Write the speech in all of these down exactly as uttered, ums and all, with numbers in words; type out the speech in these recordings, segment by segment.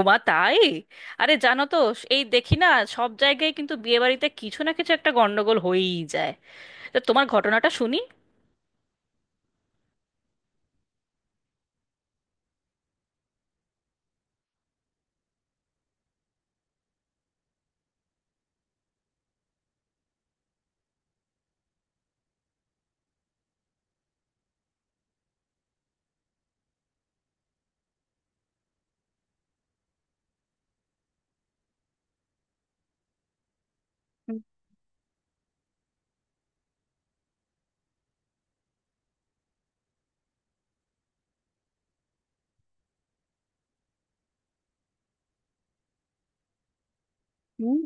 ওমা, তাই? আরে, জানো তো, এই দেখি না, সব জায়গায় কিন্তু বিয়ে বাড়িতে কিছু না কিছু একটা গন্ডগোল হয়েই যায়। তা তোমার ঘটনাটা শুনি। হুম।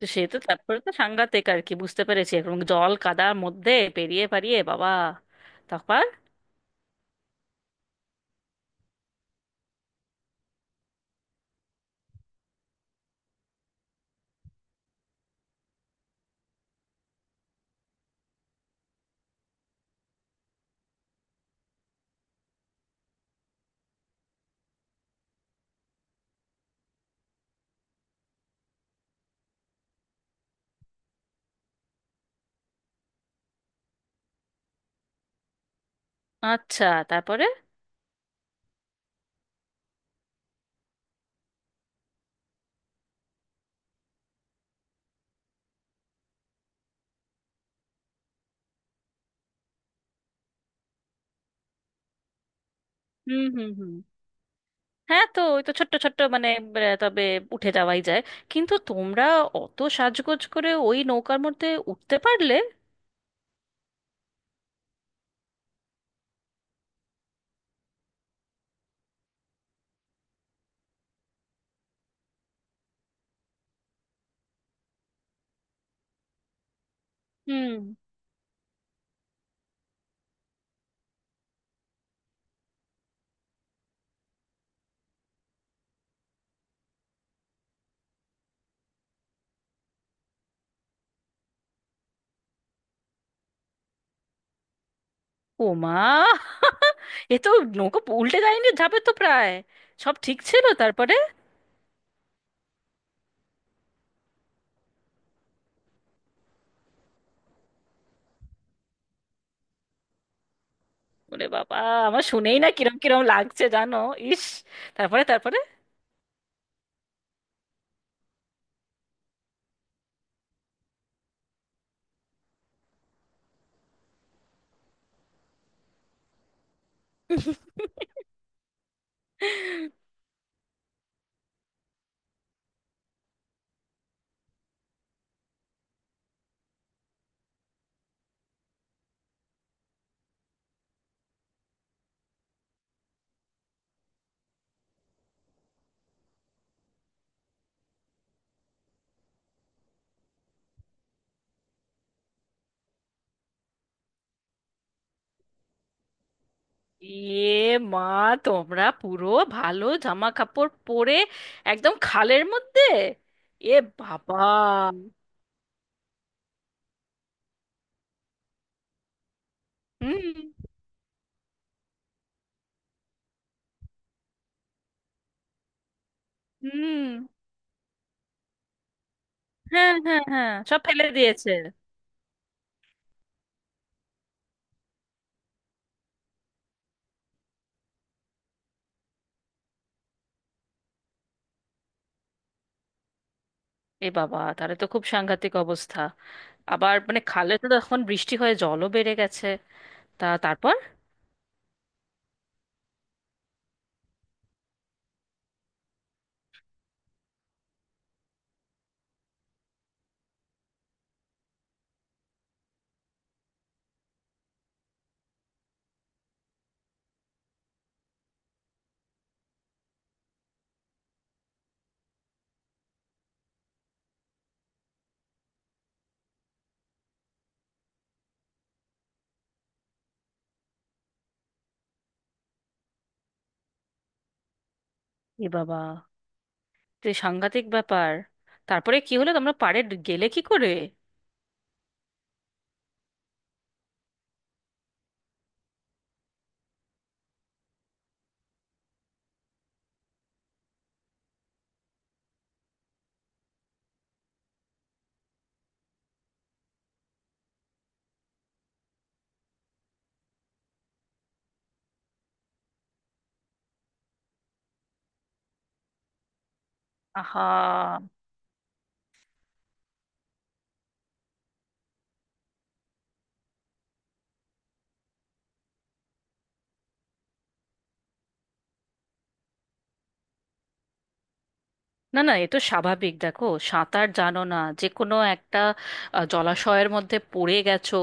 তো সে তো তারপরে তো সাংঘাতিক আর কি, বুঝতে পেরেছি। এবং জল কাদার মধ্যে পেরিয়ে পারিয়ে, বাবা! তারপর? আচ্ছা। তারপরে? হুম হুম হুম। হ্যাঁ, তো ওই তো ছোট্ট ছোট্ট মানে আহ, তবে উঠে যাওয়াই যায়। কিন্তু তোমরা অত সাজগোজ করে ওই নৌকার মধ্যে উঠতে পারলে? হুম। ও মা! এ তো! নৌকা উল্টে যায়নি? যাবে তো প্রায়। সব ঠিক ছিল তারপরে? ওরে বাবা! আমার শুনেই না কিরম কিরম লাগছে, জানো। ইস! তারপরে তারপরে এ মা! তোমরা পুরো ভালো জামা কাপড় পরে একদম খালের মধ্যে! এ বাবা! হুম। হুম। হ্যাঁ হ্যাঁ হ্যাঁ, সব ফেলে দিয়েছে। এ বাবা, তাহলে তো খুব সাংঘাতিক অবস্থা। আবার মানে খালে তো এখন বৃষ্টি হয়ে জলও বেড়ে গেছে। তা তারপর? এ বাবা, তো এ সাংঘাতিক ব্যাপার। তারপরে কি হলো? তোমরা পাড়ে ড- গেলে কি করে? আহা! না না, এ তো স্বাভাবিক। দেখো, সাঁতার জানো না, যে কোনো একটা আহ, জলাশয়ের মধ্যে পড়ে গেছো,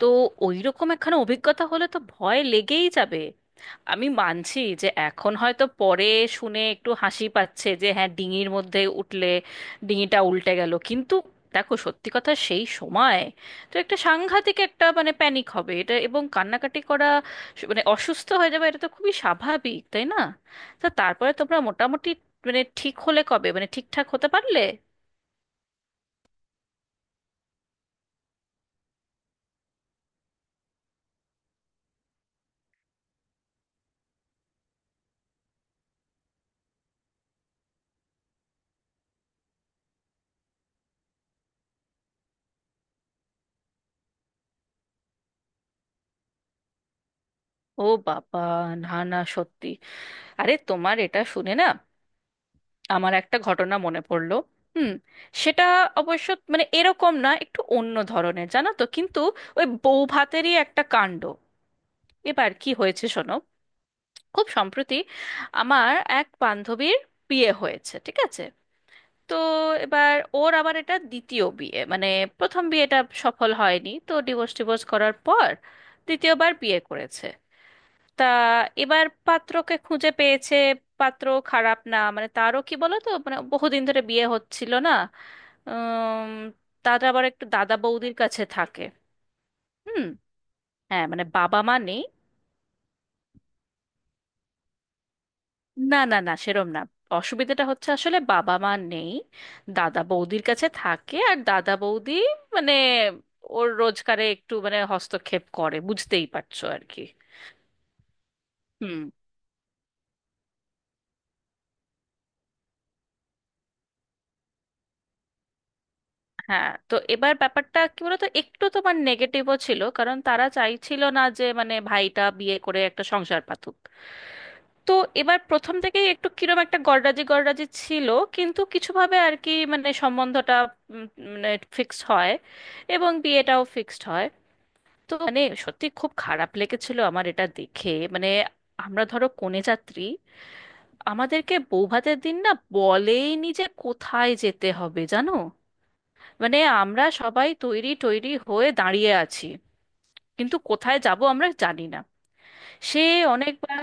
তো ওইরকম একখানা অভিজ্ঞতা হলে তো ভয় লেগেই যাবে। আমি মানছি যে এখন হয়তো পরে শুনে একটু হাসি পাচ্ছে, যে হ্যাঁ, ডিঙির মধ্যে উঠলে ডিঙিটা উল্টে গেল, কিন্তু দেখো, সত্যি কথা সেই সময় তো একটা সাংঘাতিক, একটা মানে প্যানিক হবে এটা, এবং কান্নাকাটি করা, স- মানে অসুস্থ হয়ে যাবে, এটা তো খুবই স্বাভাবিক, তাই না? তা তারপরে তোমরা মোটামুটি মানে ঠিক হলে কবে, মানে ঠিকঠাক হতে পারলে? ও বাবা! না না, সত্যি! আরে, তোমার এটা শুনে না আমার একটা ঘটনা মনে পড়লো। হুম। সেটা অবশ্য মানে এরকম না, একটু অন্য ধরনের, জানো তো, কিন্তু ওই বউ ভাতেরই একটা কাণ্ড। এবার কি হয়েছে শোনো। খুব সম্প্রতি আমার এক বান্ধবীর বিয়ে হয়েছে, ঠিক আছে? তো এবার ওর আবার এটা দ্বিতীয় বিয়ে, মানে প্রথম বিয়েটা সফল হয়নি, তো ডিভোর্স ডিভোর্স করার পর দ্বিতীয়বার বিয়ে করেছে। তা এবার পাত্রকে খুঁজে পেয়েছে। পাত্র খারাপ না, মানে তারও কি বলো তো, মানে বহুদিন ধরে বিয়ে হচ্ছিল না। উম, তার আবার একটু দাদা বৌদির কাছে থাকে। হুম। হ্যাঁ, মানে বাবা মা নেই। না না না, সেরম না, অসুবিধাটা হচ্ছে আসলে বাবা মা নেই, দাদা বৌদির কাছে থাকে, আর দাদা বৌদি মানে ওর রোজগারে একটু মানে হস্তক্ষেপ করে, বুঝতেই পারছো আর কি। হুম। হ্যাঁ, তো এবার ব্যাপারটা কি বলতো, একটু তোমার নেগেটিভও ছিল, কারণ তারা চাইছিল না যে মানে ভাইটা বিয়ে করে একটা সংসার পাতুক। তো এবার প্রথম থেকেই একটু কিরম একটা গড়রাজি গড়রাজি ছিল, কিন্তু কিছুভাবে আর কি মানে সম্বন্ধটা উম, মানে ফিক্সড হয়, এবং বিয়েটাও ফিক্সড হয়। তো মানে সত্যি খুব খারাপ লেগেছিল আমার এটা দেখে। মানে আমরা ধরো কনে যাত্রী, আমাদেরকে বৌভাতের দিন না বলেইনি যে কোথায় যেতে হবে, জানো। মানে আমরা সবাই তৈরি তৈরি হয়ে দাঁড়িয়ে আছি, কিন্তু কোথায় যাব আমরা জানি না। সে অনেকবার,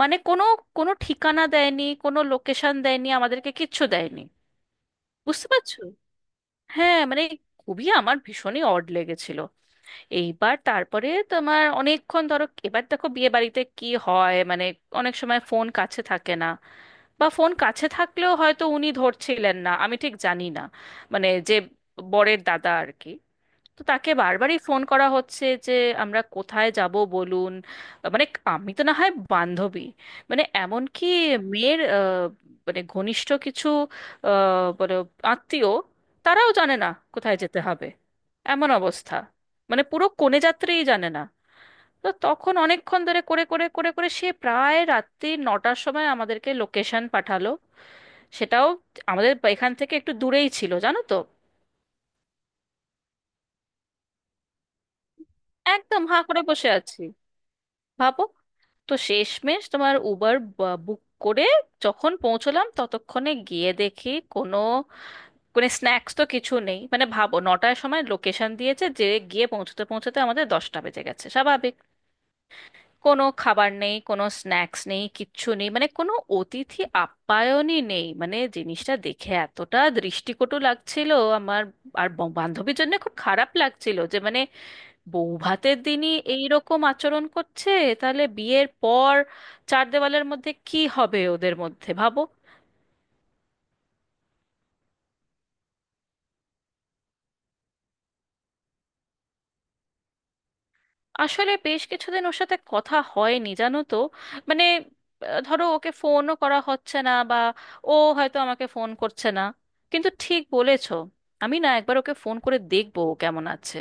মানে কোনো, কোনো ঠিকানা দেয়নি, কোনো লোকেশন দেয়নি, আমাদেরকে কিচ্ছু দেয়নি। বুঝতে পারছো? হ্যাঁ, মানে খুবই আমার ভীষণই অড লেগেছিল। এইবার তারপরে তোমার অনেকক্ষণ, ধরো এবার দেখো বিয়ে বাড়িতে কি হয়, মানে অনেক সময় ফোন কাছে থাকে না, বা ফোন কাছে থাকলেও হয়তো উনি ধরছিলেন না, আমি ঠিক জানি না। মানে যে বরের দাদা আর কি। তো তাকে বারবারই ফোন করা হচ্ছে যে আমরা কোথায় যাব বলুন। মানে আমি তো না হয় বান্ধবী, মানে এমনকি মেয়ের আহ, মানে ঘনিষ্ঠ কিছু, আহ, বলো, আত্মীয়, তারাও জানে না কোথায় যেতে হবে। এমন অবস্থা, মানে পুরো কনে যাত্রীই জানে না। তো তখন অনেকক্ষণ ধরে করে করে করে করে সে প্রায় রাত্রি নটার সময় আমাদেরকে লোকেশন পাঠালো। সেটাও আমাদের এখান থেকে একটু দূরেই ছিল, জানো তো। একদম হাঁ করে বসে আছি, ভাবো। তো শেষমেশ তোমার উবার বুক করে যখন পৌঁছলাম, ততক্ষণে গিয়ে দেখি কোনো, কোনো স্ন্যাক্স তো কিছু নেই। মানে ভাবো, নটার সময় লোকেশন দিয়েছে, যে গিয়ে পৌঁছতে পৌঁছতে আমাদের দশটা বেজে গেছে স্বাভাবিক। কোনো খাবার নেই, কোনো স্ন্যাক্স নেই, কিচ্ছু নেই, মানে কোনো অতিথি আপ্যায়নই নেই। মানে জিনিসটা দেখে এতটা দৃষ্টিকটু লাগছিল আমার। আর ব- বান্ধবীর জন্য খুব খারাপ লাগছিল যে মানে বৌভাতের দিনই এই রকম আচরণ করছে, তাহলে বিয়ের পর চার দেওয়ালের মধ্যে কি হবে ওদের মধ্যে, ভাবো। আসলে বেশ কিছুদিন ওর সাথে কথা হয়নি, জানো তো। মানে আহ, ধরো ওকে ফোনও করা হচ্ছে না, বা ও হয়তো আমাকে ফোন করছে না। কিন্তু ঠিক বলেছো, আমি না একবার ওকে ফোন করে দেখবো ও কেমন আছে।